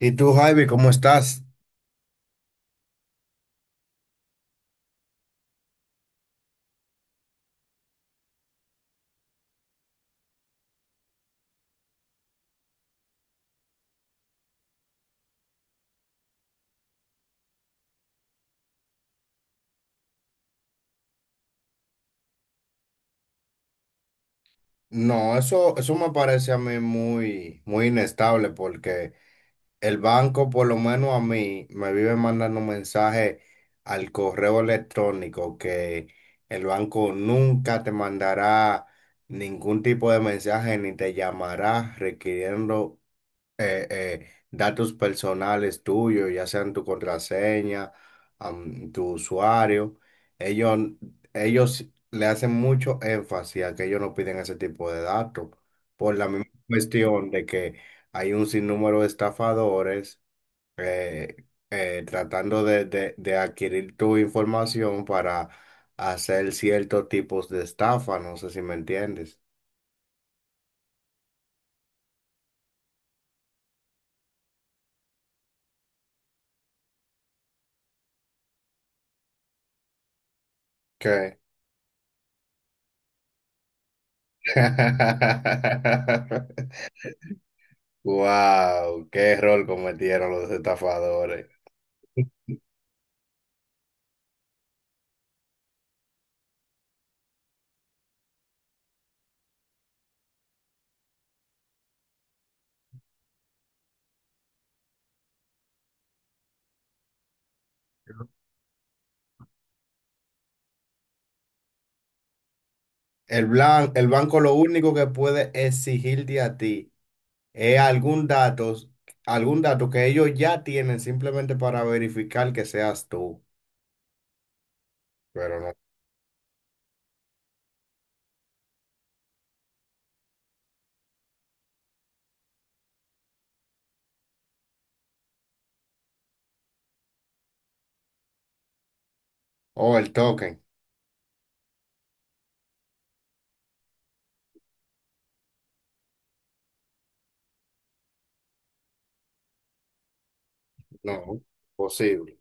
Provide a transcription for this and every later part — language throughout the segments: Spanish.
¿Y tú, Javi, cómo estás? No, eso me parece a mí muy, muy inestable porque el banco, por lo menos a mí, me vive mandando mensajes al correo electrónico que el banco nunca te mandará ningún tipo de mensaje ni te llamará requiriendo datos personales tuyos, ya sean tu contraseña, tu usuario. Ellos, ellos le hacen mucho énfasis a que ellos no piden ese tipo de datos, por la misma cuestión de que hay un sinnúmero de estafadores tratando de adquirir tu información para hacer ciertos tipos de estafa, no sé si me entiendes. ¿Qué? Wow, qué error cometieron los estafadores. El, blan- el banco lo único que puede exigirte a ti es algún dato que ellos ya tienen simplemente para verificar que seas tú, pero no. O el token, no, posible.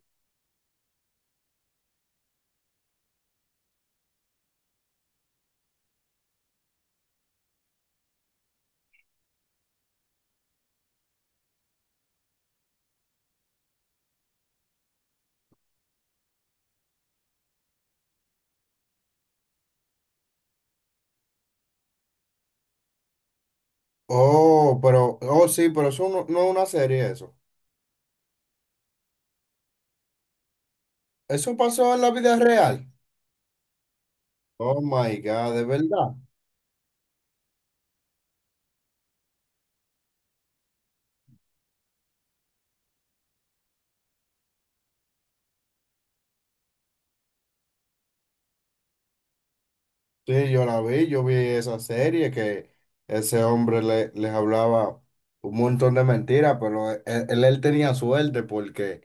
Oh, pero, oh sí, pero eso no, no es una serie eso. Eso pasó en la vida real. Oh my God, de verdad. Sí, yo la vi, yo vi esa serie que ese hombre le- les hablaba un montón de mentiras, pero él, él tenía suerte porque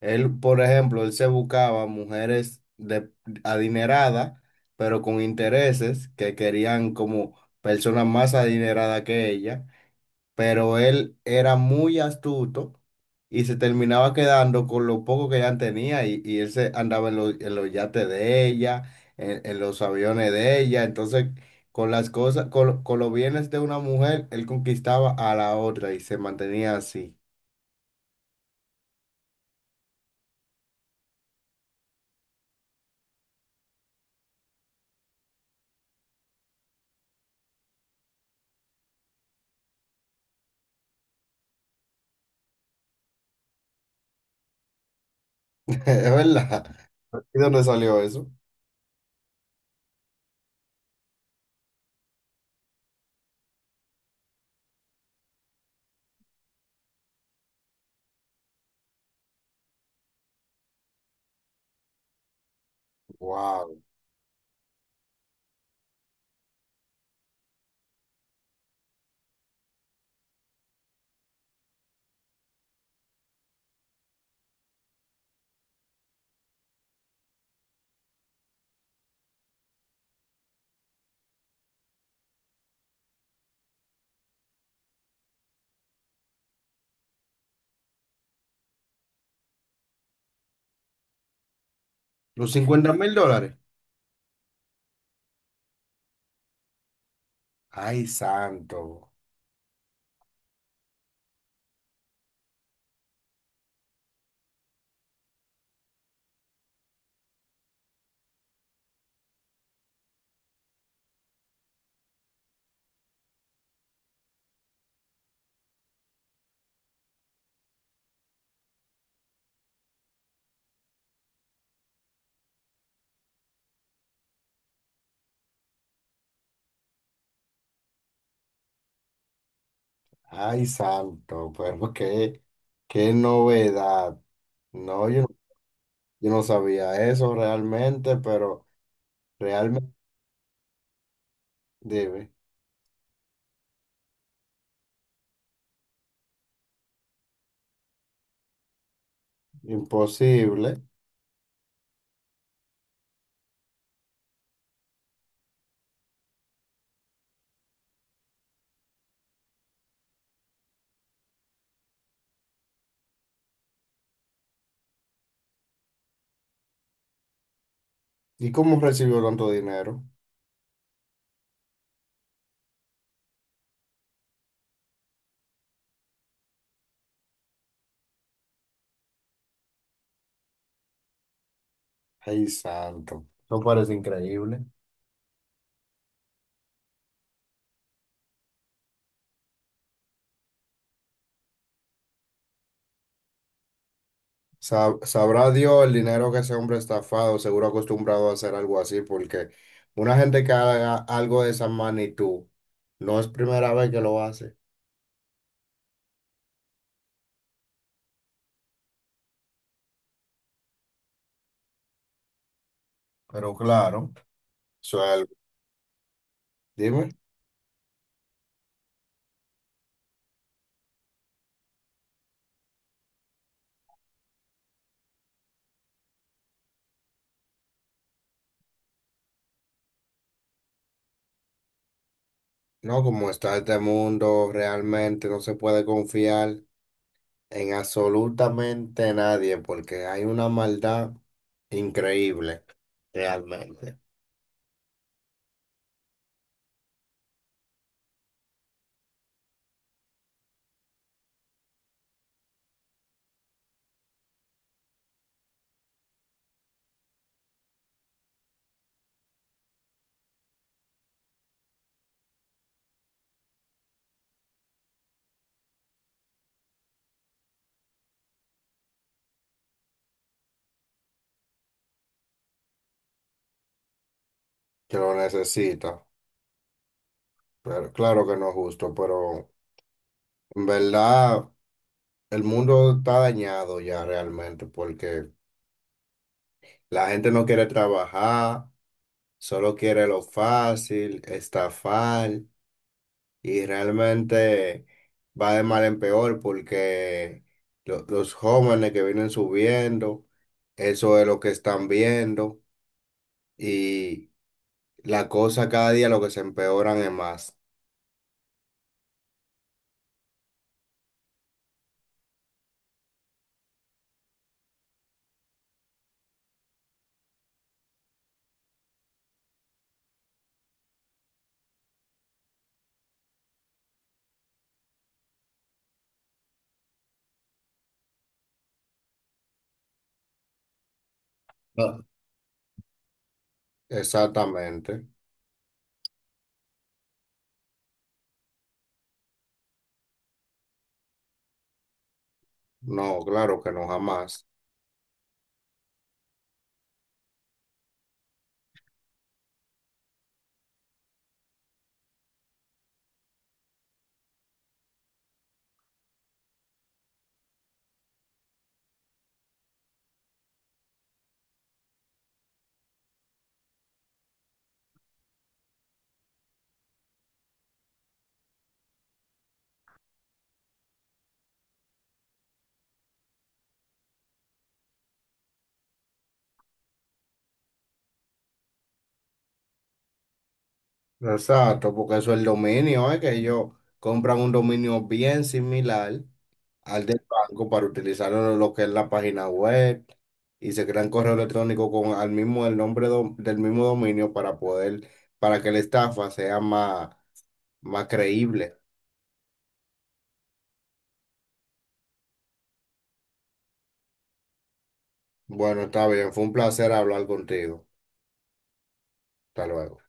él, por ejemplo, él se buscaba mujeres de, adineradas, pero con intereses que querían como personas más adineradas que ella, pero él era muy astuto y se terminaba quedando con lo poco que ella tenía y él se andaba en los yates de ella, en los aviones de ella, entonces con las cosas, con los bienes de una mujer, él conquistaba a la otra y se mantenía así. Es verdad. ¿Y dónde salió eso? Wow. Los $50,000. Ay, santo. Ay, santo. Pero qué, qué novedad. No, yo no sabía eso realmente, pero realmente debe. Imposible. ¿Y cómo recibió tanto dinero? Ay, santo. Eso parece increíble. Sa- sabrá Dios el dinero que ese hombre estafado, seguro acostumbrado a hacer algo así, porque una gente que haga algo de esa magnitud no es primera vez que lo hace. Pero claro, eso es algo. Dime, no, como está este mundo, realmente no se puede confiar. En absolutamente nadie, porque hay una maldad increíble, realmente, que lo necesita. Pero claro que no es justo, pero en verdad el mundo está dañado ya realmente, porque la gente no quiere trabajar, solo quiere lo fácil, estafar, y realmente va de mal en peor porque los jóvenes que vienen subiendo, eso es lo que están viendo. Y la cosa cada día lo que se empeoran es más. No, exactamente. No, claro que no, jamás. Exacto, porque eso es el dominio, es que ellos compran un dominio bien similar al del banco para utilizarlo en lo que es la página web y se crean correo electrónico con al mismo el nombre del mismo dominio para poder, para que la estafa sea más, más creíble. Bueno, está bien, fue un placer hablar contigo. Hasta luego.